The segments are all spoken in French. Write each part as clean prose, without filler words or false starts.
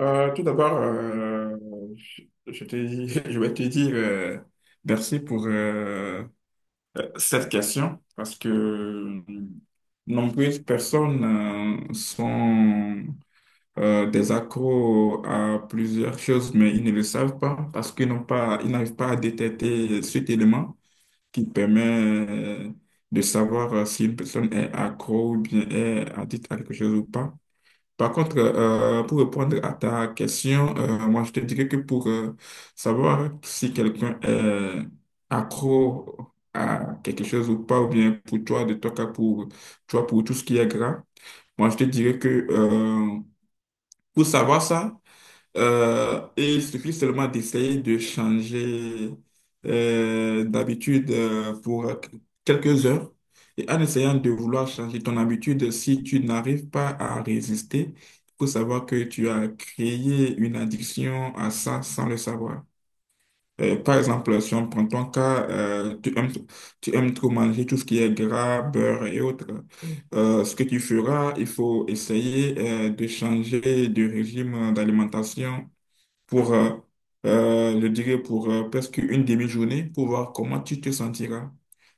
Tout d'abord, je je je vais te dire merci pour cette question parce que nombreuses personnes sont des accros à plusieurs choses, mais ils ne le savent pas parce qu'ils n'ont pas, ils n'arrivent pas à détecter cet élément qui permet euh, de savoir si une personne est accro ou bien est addict à quelque chose ou pas. Par contre, pour répondre à ta question, moi je te dirais que pour savoir si quelqu'un est accro à quelque chose ou pas, ou bien pour toi, de ton cas, pour toi, pour tout ce qui est gras, moi je te dirais que pour savoir ça, et il suffit seulement d'essayer de changer d'habitude pour quelques heures. Et en essayant de vouloir changer ton habitude, si tu n'arrives pas à résister, il faut savoir que tu as créé une addiction à ça sans le savoir. Par exemple, si on prend ton cas, tu aimes trop manger tout ce qui est gras, beurre et autres. Ce que tu feras, il faut essayer de changer de régime d'alimentation pour je dirais pour presque une demi-journée pour voir comment tu te sentiras.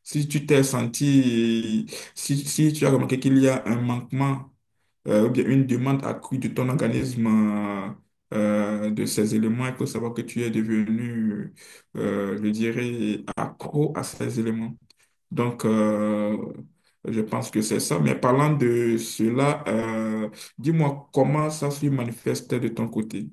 Si tu t'es senti, si, tu as remarqué qu'il y a un manquement ou bien une demande accrue de ton organisme de ces éléments, il faut savoir que tu es je dirais, accro à ces éléments. Donc, je pense que c'est ça. Mais parlant de cela, dis-moi comment ça se manifeste de ton côté.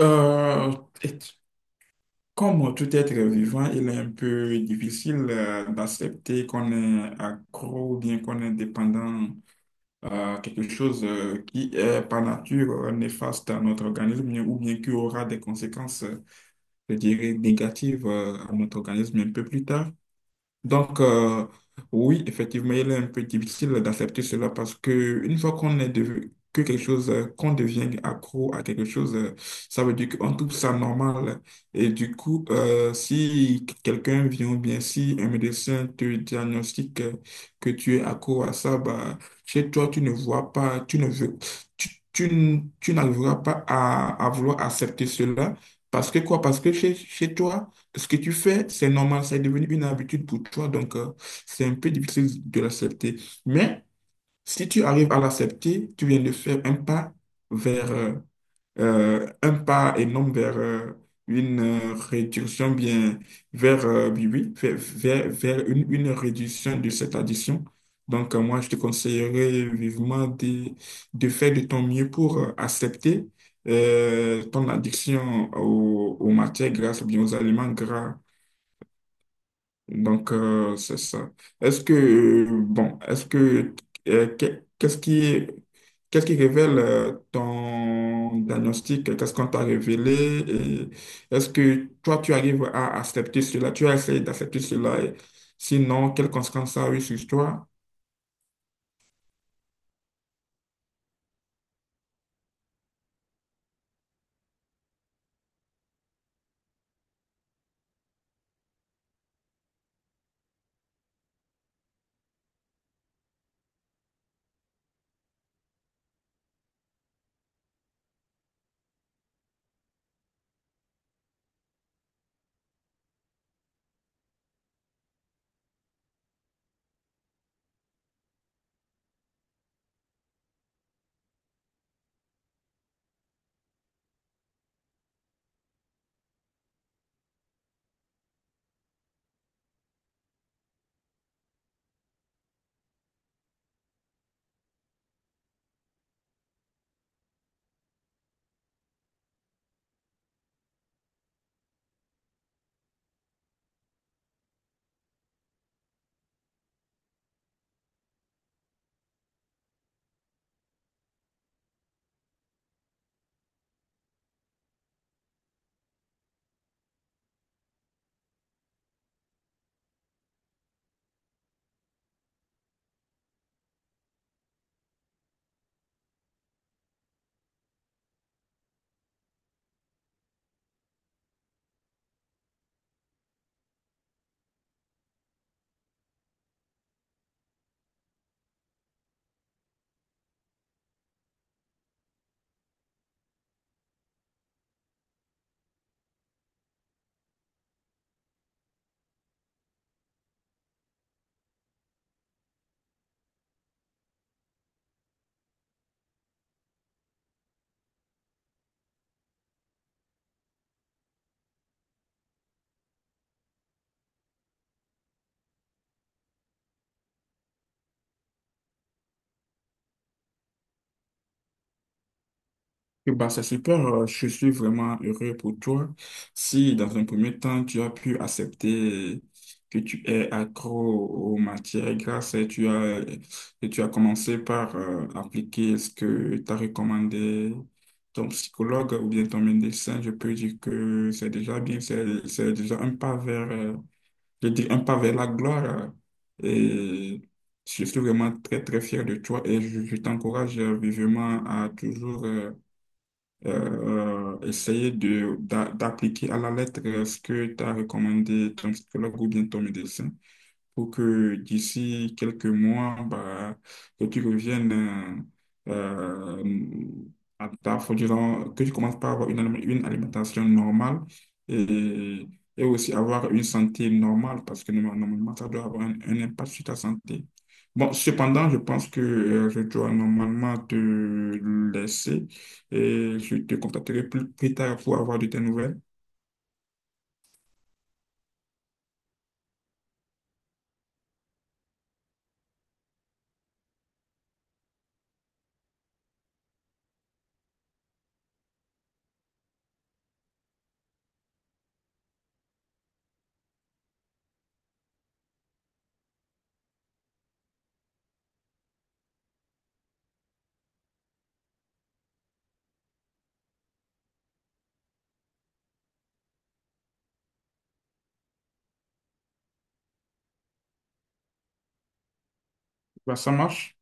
Euh, et comme tout être vivant, il est un peu difficile d'accepter qu'on est accro ou bien qu'on est dépendant à quelque chose qui est par nature néfaste à notre organisme ou bien qui aura des conséquences, je dirais, négatives à notre organisme un peu plus tard. Donc, oui, effectivement, il est un peu difficile d'accepter cela parce que une fois qu'on est devenu, que quelque chose, qu'on devient accro à quelque chose, ça veut dire qu'on trouve ça normal. Et du coup, si quelqu'un vient ou bien si un médecin te diagnostique que tu es accro à ça, bah, chez toi, tu ne veux, tu, tu n'arriveras pas à vouloir accepter cela. Parce que quoi? Parce que chez toi, ce que tu fais, c'est normal, c'est devenu une habitude pour toi, donc c'est un peu difficile de l'accepter. Mais si tu arrives à l'accepter, tu viens de faire un pas vers un pas énorme vers une réduction bien vers oui, oui, vers une réduction de cette addiction. Donc moi, je te conseillerais vivement de faire de ton mieux pour accepter ton addiction aux matières grasses ou bien aux aliments gras donc, c'est ça. Est-ce que, euh, que- qu'est-ce qui, qu'est-ce qui révèle ton diagnostic? Qu'est-ce qu'on t'a révélé? Et est-ce que toi, tu arrives à accepter cela? Tu as essayé d'accepter cela? Et sinon, quelles conséquences ça a eu sur toi? Eh ben, c'est super, je suis vraiment heureux pour toi. Si dans un premier temps, tu as pu accepter que tu es accro aux matières grasses et tu as commencé par appliquer ce que t'a recommandé ton psychologue ou bien ton médecin, je peux dire que c'est déjà bien, c'est déjà un pas vers, je dis un pas vers la gloire. Et je suis vraiment très, très fier de toi et je t'encourage vivement à toujours... essayer d'appliquer à la lettre ce que tu as recommandé ton psychologue ou bien ton médecin pour que d'ici quelques mois, bah, que tu reviennes euh, à ta faut dire, que tu commences par avoir une alimentation normale et, et aussi avoir une santé normale parce que normalement, ça doit avoir un impact sur ta santé. Bon, cependant, je pense que je dois normalement te laisser et je te contacterai plus tard pour avoir de tes nouvelles. Bah, ça marche?